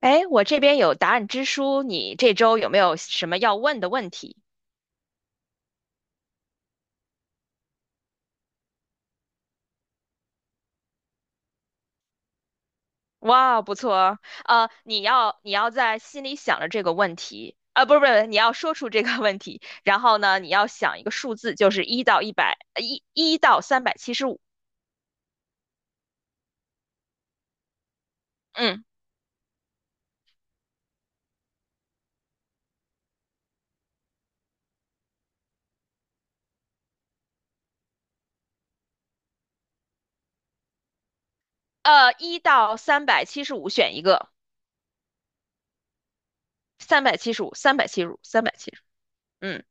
哎，我这边有答案之书，你这周有没有什么要问的问题？哇，不错哦，你要你要在心里想着这个问题，啊、不是，你要说出这个问题，然后呢，你要想一个数字，就是1到100，呃一一到三百七十五，嗯，呃，一到三百七十五选一个，三百七十五，嗯。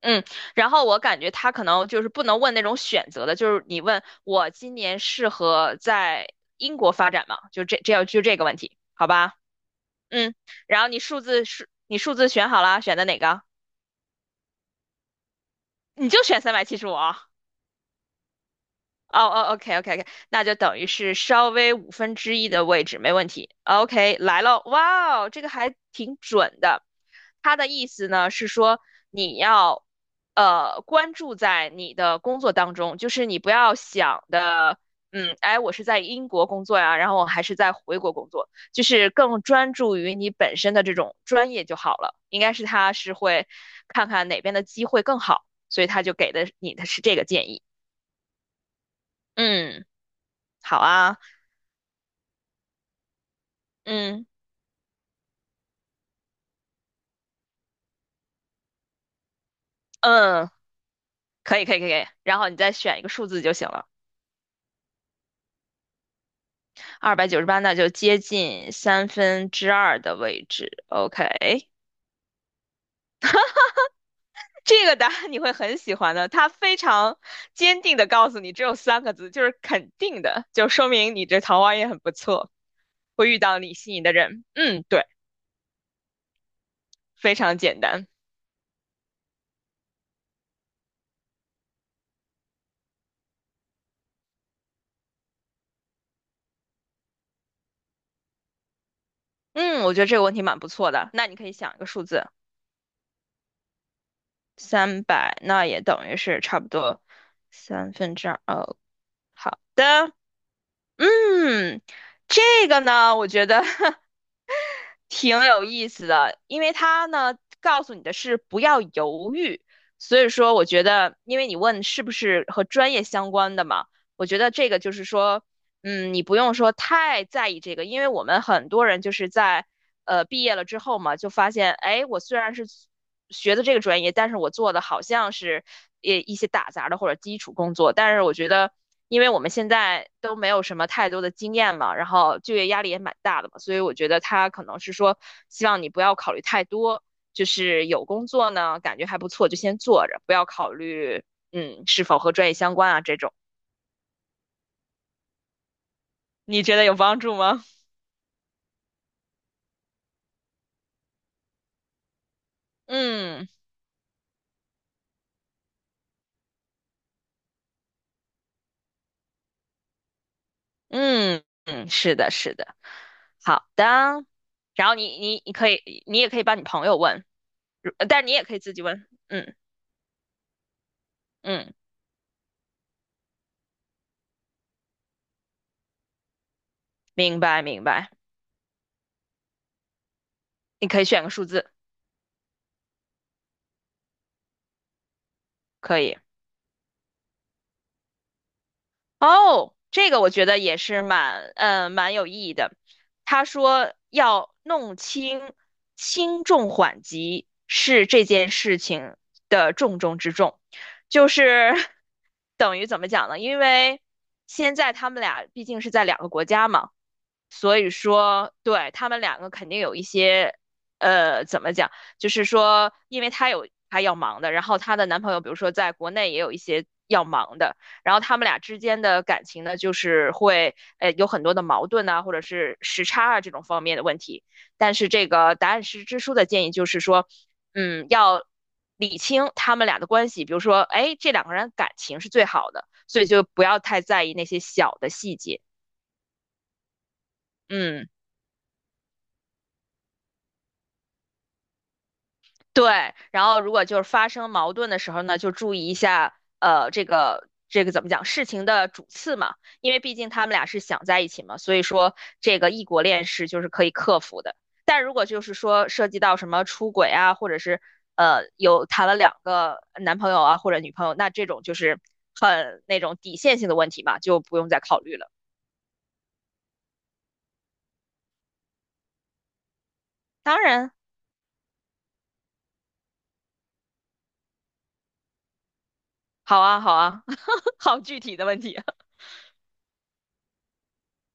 嗯，然后我感觉他可能就是不能问那种选择的，就是你问我今年适合在英国发展吗？就这这要就这个问题，好吧？嗯，然后你数字是你数字选好了，选的哪个？你就选三百七十五啊。哦哦，OK，那就等于是稍微1/5的位置，没问题。OK，来了，哇哦，这个还挺准的。它的意思呢是说，你要关注在你的工作当中，就是你不要想的，嗯，哎，我是在英国工作呀，然后我还是在回国工作，就是更专注于你本身的这种专业就好了。应该是他是会看看哪边的机会更好，所以他就给的你的是这个建议。嗯。好啊，嗯嗯，可以然后你再选一个数字就行了。298，那就接近三分之二的位置。OK，这个答案你会很喜欢的，它非常坚定的告诉你，只有三个字，就是肯定的，就说明你这桃花运很不错，会遇到你心仪的人。嗯，对，非常简单。嗯，我觉得这个问题蛮不错的。那你可以想一个数字，三百，那也等于是差不多三分之二。哦，好的，嗯，这个呢，我觉得 挺有意思的，因为它呢告诉你的是不要犹豫，所以说我觉得，因为你问是不是和专业相关的嘛，我觉得这个就是说，嗯，你不用说太在意这个，因为我们很多人就是在毕业了之后嘛，就发现，哎，我虽然是学的这个专业，但是我做的好像是也一些打杂的或者基础工作，但是我觉得。因为我们现在都没有什么太多的经验嘛，然后就业压力也蛮大的嘛，所以我觉得他可能是说，希望你不要考虑太多，就是有工作呢，感觉还不错就先做着，不要考虑，嗯，是否和专业相关啊这种。你觉得有帮助吗？嗯嗯，是的，是的，好的。然后你可以，你也可以帮你朋友问。呃但你也可以自己问。嗯嗯，明白。你可以选个数字，可以。哦，这个我觉得也是蛮蛮有意义的。他说要弄清轻重缓急是这件事情的重中之重，就是 等于怎么讲呢？因为现在他们俩毕竟是在2个国家嘛。所以说，对，他们两个肯定有一些，呃，怎么讲？就是说，因为她有她要忙的，然后她的男朋友，比如说在国内也有一些要忙的，然后他们俩之间的感情呢，就是会，有很多的矛盾呐，或者是时差啊这种方面的问题。但是这个答案是支书的建议就是说，嗯，要理清他们俩的关系，比如说，哎，这两个人感情是最好的，所以就不要太在意那些小的细节，嗯。对，然后如果就是发生矛盾的时候呢，就注意一下，呃，这个怎么讲，事情的主次嘛，因为毕竟他们俩是想在一起嘛，所以说这个异国恋是就是可以克服的。但如果就是说涉及到什么出轨啊，或者是有谈了2个男朋友啊或者女朋友，那这种就是很那种底线性的问题嘛，就不用再考虑了。当然，好啊，好具体的问题啊，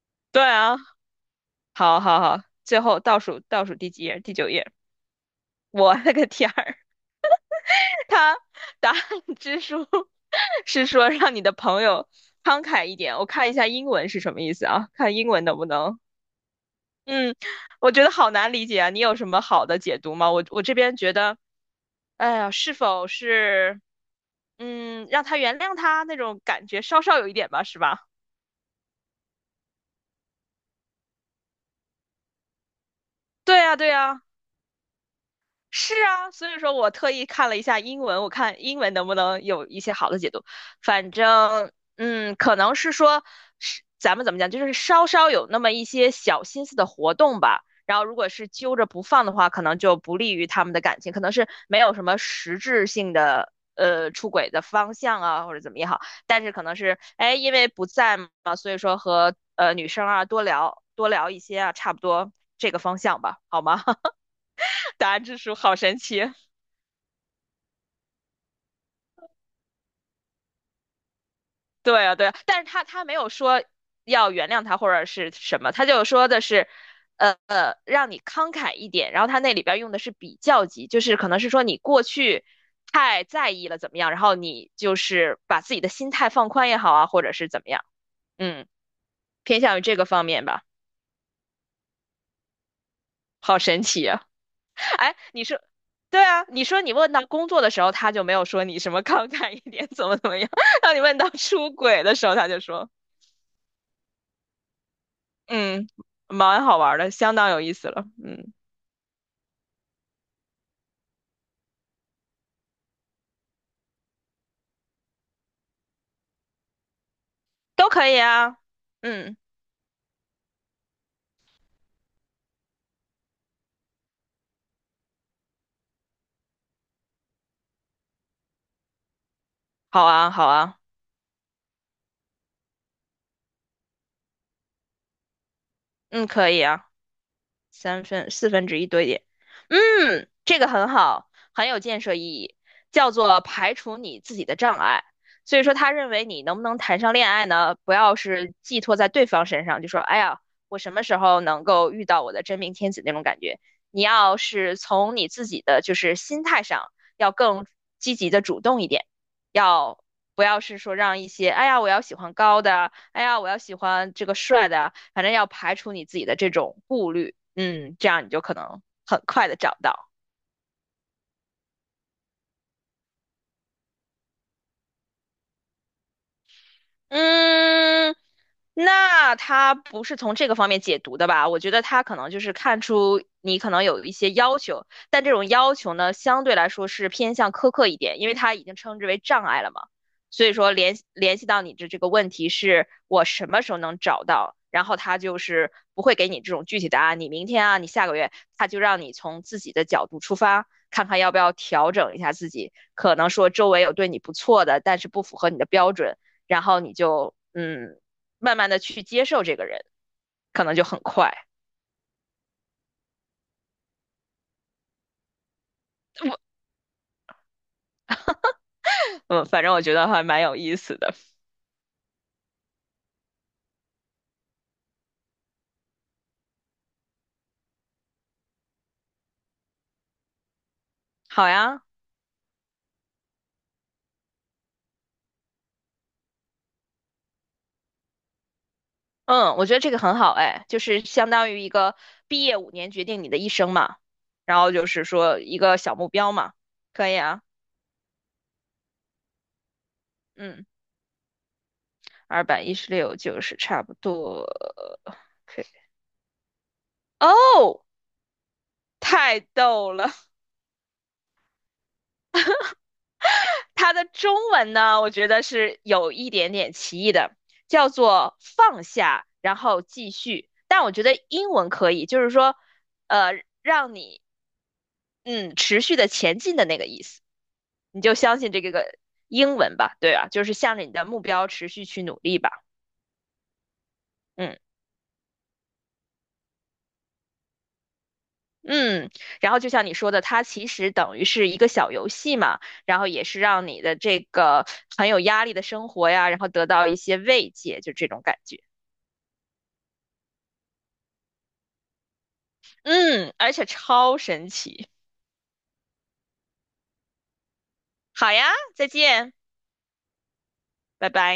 对啊，好，最后倒数第几页？第9页。我勒个天儿，他答案之书 是说让你的朋友慷慨一点。我看一下英文是什么意思啊？看英文能不能？嗯，我觉得好难理解啊。你有什么好的解读吗？我这边觉得，哎呀，是否是嗯让他原谅他那种感觉，稍稍有一点吧，是吧？对啊，是啊，所以说我特意看了一下英文，我看英文能不能有一些好的解读。反正，嗯，可能是说，是咱们怎么讲，就是稍稍有那么一些小心思的活动吧。然后，如果是揪着不放的话，可能就不利于他们的感情，可能是没有什么实质性的出轨的方向啊，或者怎么也好。但是可能是，哎，因为不在嘛，所以说和女生啊多聊一些啊，差不多这个方向吧，好吗？答案之书好神奇。对啊，但是他没有说要原谅他或者是什么，他就说的是，让你慷慨一点。然后他那里边用的是比较级，就是可能是说你过去太在意了怎么样，然后你就是把自己的心态放宽也好啊，或者是怎么样，嗯，偏向于这个方面吧。好神奇啊！哎，你说，对啊，你说你问到工作的时候，他就没有说你什么慷慨一点，怎么样。当你问到出轨的时候，他就说。嗯，蛮好玩儿的，相当有意思了。嗯，都可以啊。嗯，好啊，好。嗯，可以啊。3分1/4多一点。嗯，这个很好，很有建设意义，叫做排除你自己的障碍。所以说，他认为你能不能谈上恋爱呢？不要是寄托在对方身上，就说“哎呀，我什么时候能够遇到我的真命天子”那种感觉。你要是从你自己的就是心态上，要更积极的主动一点。要不要是说让一些，哎呀，我要喜欢高的，哎呀，我要喜欢这个帅的，反正要排除你自己的这种顾虑，嗯，这样你就可能很快的找到。嗯，那他不是从这个方面解读的吧？我觉得他可能就是看出你可能有一些要求，但这种要求呢，相对来说是偏向苛刻一点，因为他已经称之为障碍了嘛。所以说联系到你的这个问题是我什么时候能找到，然后他就是不会给你这种具体答案，你明天啊，你下个月，他就让你从自己的角度出发，看看要不要调整一下自己。可能说周围有对你不错的，但是不符合你的标准。然后你就嗯，慢慢的去接受这个人，可能就很快。嗯，反正我觉得还蛮有意思的。好呀，嗯，我觉得这个很好，哎，就是相当于一个毕业5年决定你的一生嘛，然后就是说一个小目标嘛，可以啊，嗯，216就是差不多。OK，哦，太逗了。它的中文呢，我觉得是有一点点歧义的，叫做放下，然后继续。但我觉得英文可以，就是说，呃，让你嗯持续的前进的那个意思，你就相信这个英文吧，对吧？就是向着你的目标持续去努力吧，嗯嗯。然后就像你说的，它其实等于是一个小游戏嘛，然后也是让你的这个很有压力的生活呀，然后得到一些慰藉，就这种感觉。嗯，而且超神奇。好呀，再见，拜拜。